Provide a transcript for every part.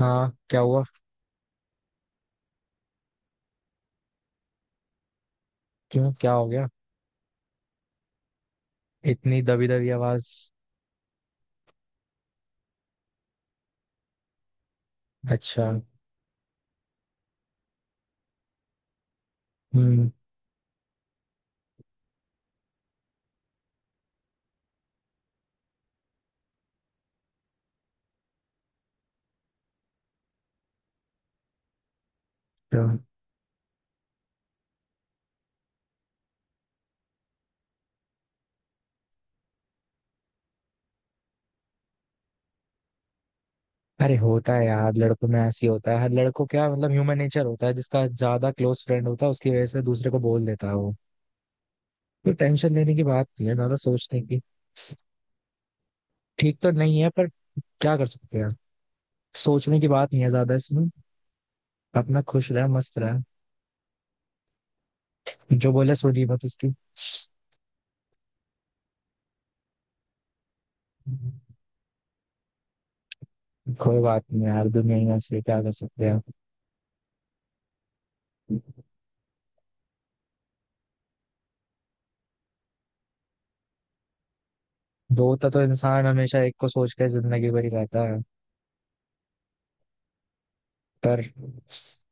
हाँ, क्या हुआ? क्यों, क्या हो गया? इतनी दबी दबी आवाज। अच्छा। हम्म। तो- अरे होता है यार, लड़कों में ऐसी होता है, हर लड़कों क्या मतलब ह्यूमन नेचर होता है। जिसका ज्यादा क्लोज फ्रेंड होता है उसकी वजह से दूसरे को बोल देता है वो। तो टेंशन लेने की बात नहीं है, ज्यादा सोचने की। ठीक तो नहीं है, पर क्या कर सकते हैं। सोचने की बात नहीं है ज्यादा इसमें। अपना खुश रहे, मस्त रहे। जो बोले सुनी मत उसकी। कोई बात नहीं यार, दुनिया ही ऐसी है, क्या कर सकते हैं। दो तो इंसान हमेशा एक को सोच के जिंदगी भरी रहता है। पर स-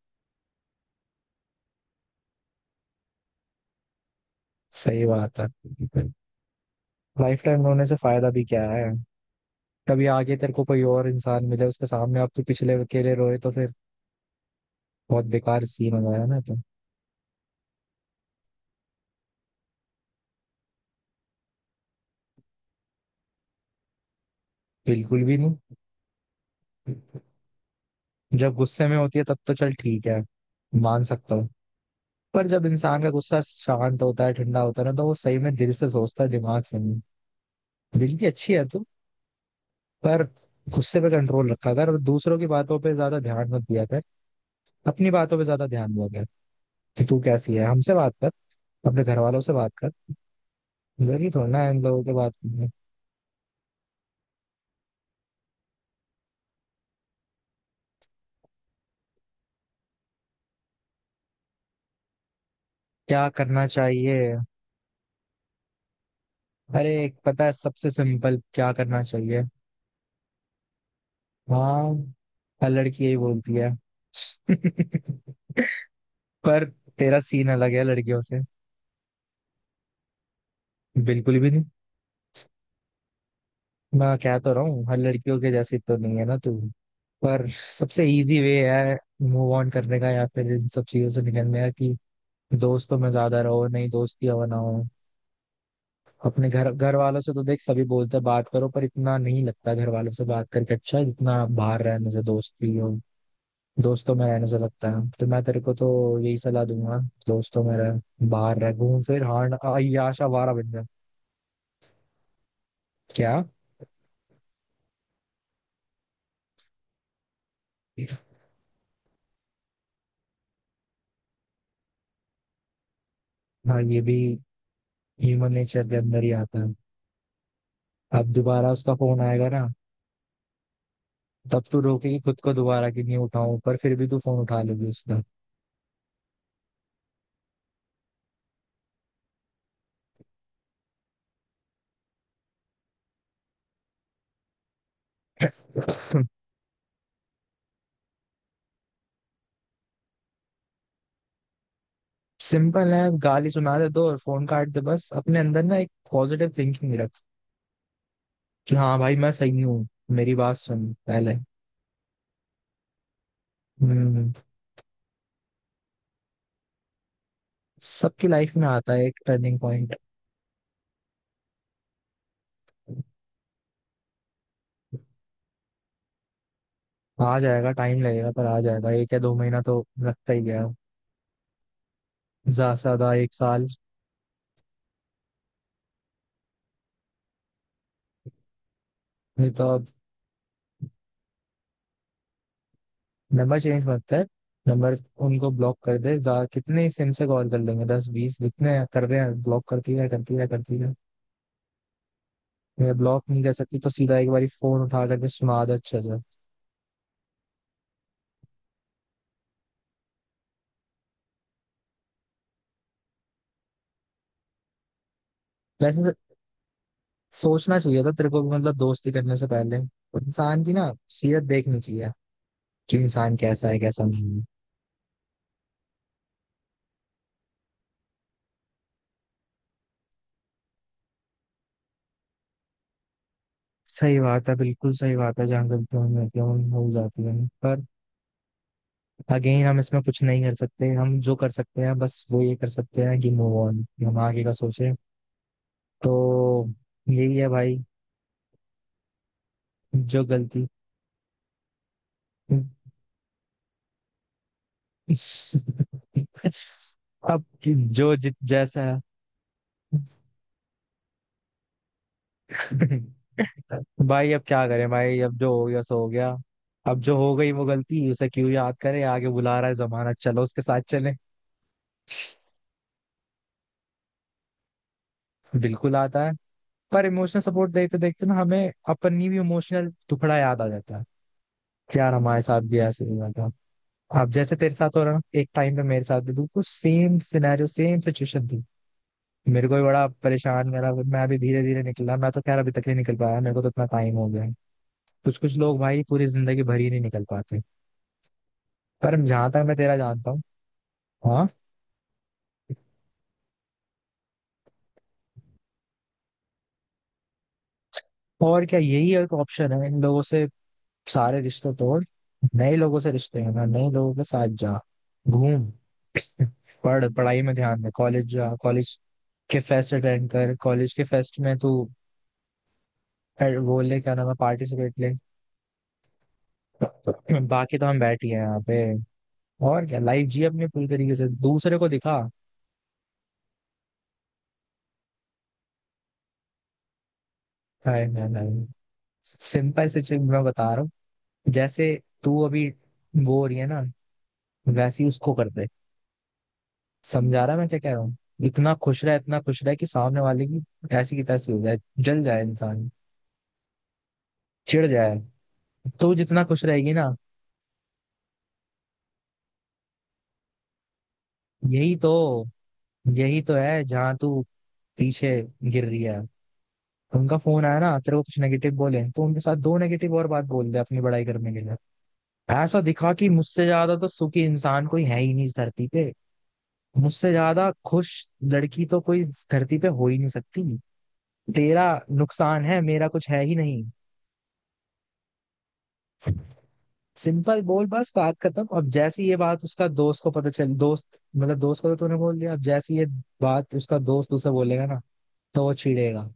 सही बात है। लाइफ टाइम रोने से फायदा भी क्या है। कभी आगे तेरे को कोई और इंसान मिले, उसके सामने आप तो पिछले के लिए रोए, तो फिर बहुत बेकार सीन हो गया ना तो। बिल्कुल भी नहीं। जब गुस्से में होती है तब तो चल ठीक है, मान सकता हूँ। पर जब इंसान का गुस्सा शांत होता है, ठंडा होता है ना, तो वो सही में दिल से सोचता है, दिमाग से नहीं। दिल की अच्छी है तू। पर गुस्से पे कंट्रोल रखा कर, और दूसरों की बातों पे ज्यादा ध्यान मत दिया कर। अपनी बातों पे ज्यादा ध्यान दिया कर कि तू कैसी है। हमसे बात कर, अपने घर वालों से बात कर। जरूरी थोड़ा ना है इन लोगों के बात करने। क्या करना चाहिए? अरे एक पता है सबसे सिंपल क्या करना चाहिए। हाँ। हर लड़की यही बोलती है। पर तेरा सीन अलग है लड़कियों से। बिल्कुल भी नहीं। मैं कह तो रहा हूँ हर लड़कियों के जैसी तो नहीं है ना तू। पर सबसे इजी वे है मूव ऑन करने का, या फिर इन सब चीजों से निकलने का कि दोस्तों में ज्यादा रहो। नहीं दोस्ती हो ना हो, अपने घर घर वालों से तो देख सभी बोलते हैं बात करो, पर इतना नहीं लगता घर वालों से बात करके अच्छा है, जितना बाहर रहने से, दोस्ती हो, दोस्तों में रहने से लगता है। तो मैं तेरे को तो यही सलाह दूंगा, दोस्तों में रह, बाहर रह, घूम फिर हार, आशावारा बन जा। क्या? हाँ ये भी ह्यूमन नेचर के अंदर ही आता है। अब दोबारा उसका फोन आएगा ना, तब तू रोकेगी खुद को दोबारा कि नहीं उठाऊं, पर फिर भी तू फोन उठा लेगी उसका। सिंपल है, गाली सुना दे दो और फोन काट दे। बस अपने अंदर ना एक पॉजिटिव थिंकिंग रख कि हाँ भाई मैं सही हूँ, मेरी बात सुन पहले। हम्म। सबकी लाइफ में आता है एक टर्निंग पॉइंट। आ जाएगा, टाइम लगेगा पर आ जाएगा। एक या दो महीना तो लगता ही गया, ज्यादा से ज्यादा एक साल। नहीं तो नंबर चेंज मत कर। नंबर, उनको ब्लॉक कर दे जा। कितने सिम से कॉल कर लेंगे, दस बीस? जितने कर रहे हैं ब्लॉक करती रहे, करती रहे, करती रहे। मैं ब्लॉक नहीं कर सकती तो सीधा एक बार फोन उठा करके सुना दे अच्छे से। वैसे सोचना चाहिए था तेरे को भी, मतलब दोस्ती करने से पहले इंसान की ना सीरत देखनी चाहिए, कि इंसान कैसा है कैसा नहीं है। सही बात है, बिल्कुल सही बात है, जहाँ गलतियाँ हो जाती हैं वो हो जाती है। पर अगेन हम इसमें कुछ नहीं कर सकते। हम जो कर सकते हैं बस वो ये कर सकते हैं कि मूव ऑन, हम आगे का सोचें। तो यही है भाई। जो गलती, अब जो जित जैसा है भाई, अब क्या करें। भाई अब जो हो गया सो हो गया। अब जो हो गई वो गलती उसे क्यों याद करें। आगे बुला रहा है जमाना, चलो उसके साथ चले। बिल्कुल आता है। पर इमोशनल सपोर्ट देखते देखते ना हमें अपनी भी इमोशनल टुकड़ा याद आ जाता है कि यार हमारे साथ भी ऐसे हुआ था। अब जैसे तेरे साथ हो रहा ना, एक टाइम पे मेरे साथ भी बिल्कुल सेम सिनेरियो, सेम सिचुएशन थी। मेरे को भी बड़ा परेशान करा, फिर मैं अभी धीरे धीरे निकला। मैं तो खैर अभी तक नहीं निकल पाया, मेरे को तो इतना टाइम हो गया है। कुछ कुछ लोग भाई पूरी जिंदगी भर ही नहीं निकल पाते। पर जहां तक मैं तेरा जानता हूँ। हाँ। और क्या, यही एक ऑप्शन है। इन लोगों से सारे रिश्ते तोड़, नए लोगों से रिश्ते हैं, नए लोगों के साथ जा, घूम, पढ़, पढ़ाई में ध्यान दे, कॉलेज जा, कॉलेज के फेस्ट अटेंड कर, कॉलेज के फेस्ट में तू वो ले, क्या नाम है, पार्टिसिपेट ले। बाकी तो हम बैठ ही हैं यहाँ पे। और क्या, लाइफ जी अपने पूरी तरीके से, दूसरे को दिखा। नहीं नहीं नहीं। सिंपल सिचुएशन मैं बता रहा हूँ। जैसे तू अभी वो हो रही है ना, वैसी उसको कर दे। समझा रहा मैं क्या कह रहा हूँ। इतना खुश रहा, इतना खुश रहा कि सामने वाले की ऐसी की तैसी हो जाए, जल जाए इंसान, चिढ़ जाए। तू जितना खुश रहेगी ना, यही तो, यही तो है जहाँ तू पीछे गिर रही है। उनका फोन आया ना, तेरे को कुछ नेगेटिव बोले, तो उनके साथ दो नेगेटिव और बात बोल दे अपनी बड़ाई करने के लिए। ऐसा दिखा कि मुझसे ज्यादा तो सुखी इंसान कोई है ही नहीं इस धरती पे। मुझसे ज्यादा खुश लड़की तो कोई इस धरती पे हो ही नहीं सकती। तेरा नुकसान है, मेरा कुछ है ही नहीं। सिंपल बोल, बस बात खत्म। अब जैसी ये बात उसका दोस्त को पता चल, दोस्त मतलब दोस्त को तो तूने बोल दिया, अब जैसी ये बात उसका दोस्त उसे बोलेगा ना, तो वो चिढ़ेगा,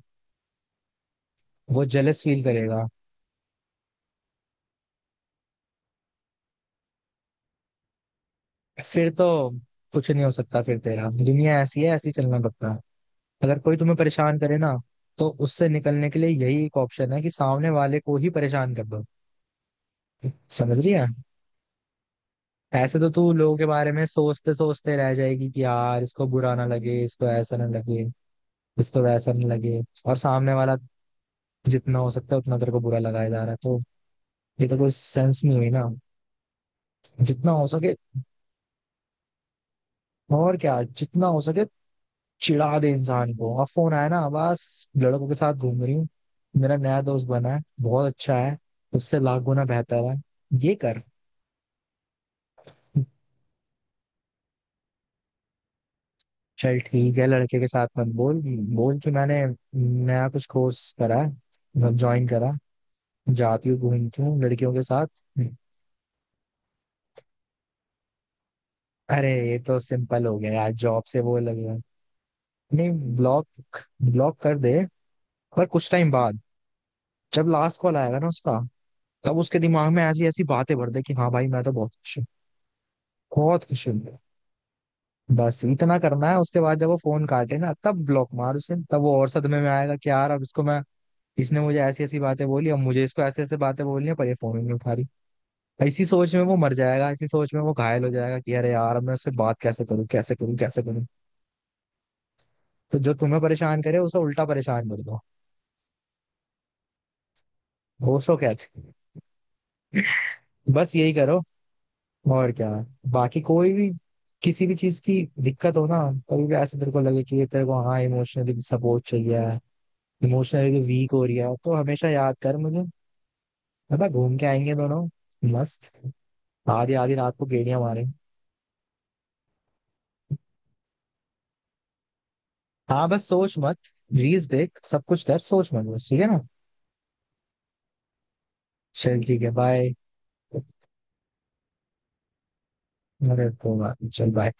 वो जेलस फील करेगा। फिर तो कुछ नहीं हो सकता फिर। तेरा दुनिया ऐसी है, ऐसी चलना पड़ता है। अगर कोई तुम्हें परेशान करे ना, तो उससे निकलने के लिए यही एक ऑप्शन है कि सामने वाले को ही परेशान कर दो। समझ रही है? ऐसे तो तू लोगों के बारे में सोचते सोचते रह जाएगी कि यार इसको बुरा ना लगे, इसको ऐसा ना लगे, इसको वैसा ना लगे, और सामने वाला जितना हो सकता है उतना तेरे को बुरा लगाया जा रहा है। तो ये तो कोई सेंस नहीं हुई ना। जितना हो सके, और क्या, जितना हो सके चिढ़ा दे इंसान को। अब फोन आया ना, बस लड़कों के साथ घूम रही हूँ, मेरा नया दोस्त बना है, बहुत अच्छा है, उससे लाख गुना बेहतर है। ये कर, चल ठीक है लड़के के साथ मत बोल। बोल कि मैंने नया कुछ कोर्स करा है, मतलब ज्वाइन करा, जाती हूँ, घूमती हूँ लड़कियों के साथ। अरे ये तो सिंपल हो गया यार, जॉब से वो लग रहा है। नहीं ब्लॉक, ब्लॉक कर दे, पर कुछ टाइम बाद। जब लास्ट कॉल आएगा ना उसका, तब उसके दिमाग में ऐसी ऐसी बातें भर दे कि हाँ भाई मैं तो बहुत बहुत खुश होंगे। बस इतना करना है, उसके बाद जब वो फोन काटे ना तब ब्लॉक मार उसे। तब वो और सदमे में आएगा कि यार अब इसको मैं, इसने मुझे ऐसी ऐसी बातें बोली, अब मुझे इसको ऐसे ऐसे बातें बोलनी है, पर ये फोन ही नहीं उठा रही। इसी सोच में वो मर जाएगा, इसी सोच में वो घायल हो जाएगा कि अरे यार अब मैं उससे बात कैसे करूं, कैसे करूं, कैसे करूं। तो जो तुम्हें परेशान करे उसे उल्टा परेशान कर दो। वो सो कहते, बस यही करो, और क्या। बाकी कोई भी किसी भी चीज की दिक्कत हो ना, कभी भी ऐसे तेरे को लगे कि ये तेरे को हाँ इमोशनली सपोर्ट चाहिए, इमोशनली वीक हो रही है, तो हमेशा याद कर मुझे। पता, घूम के आएंगे दोनों, मस्त, आधी आधी रात को गेड़िया मारे। हाँ बस सोच मत, रील्स देख, सब कुछ कर, सोच मत बस, ठीक है ना। चल ठीक है, बाय। चल बाय।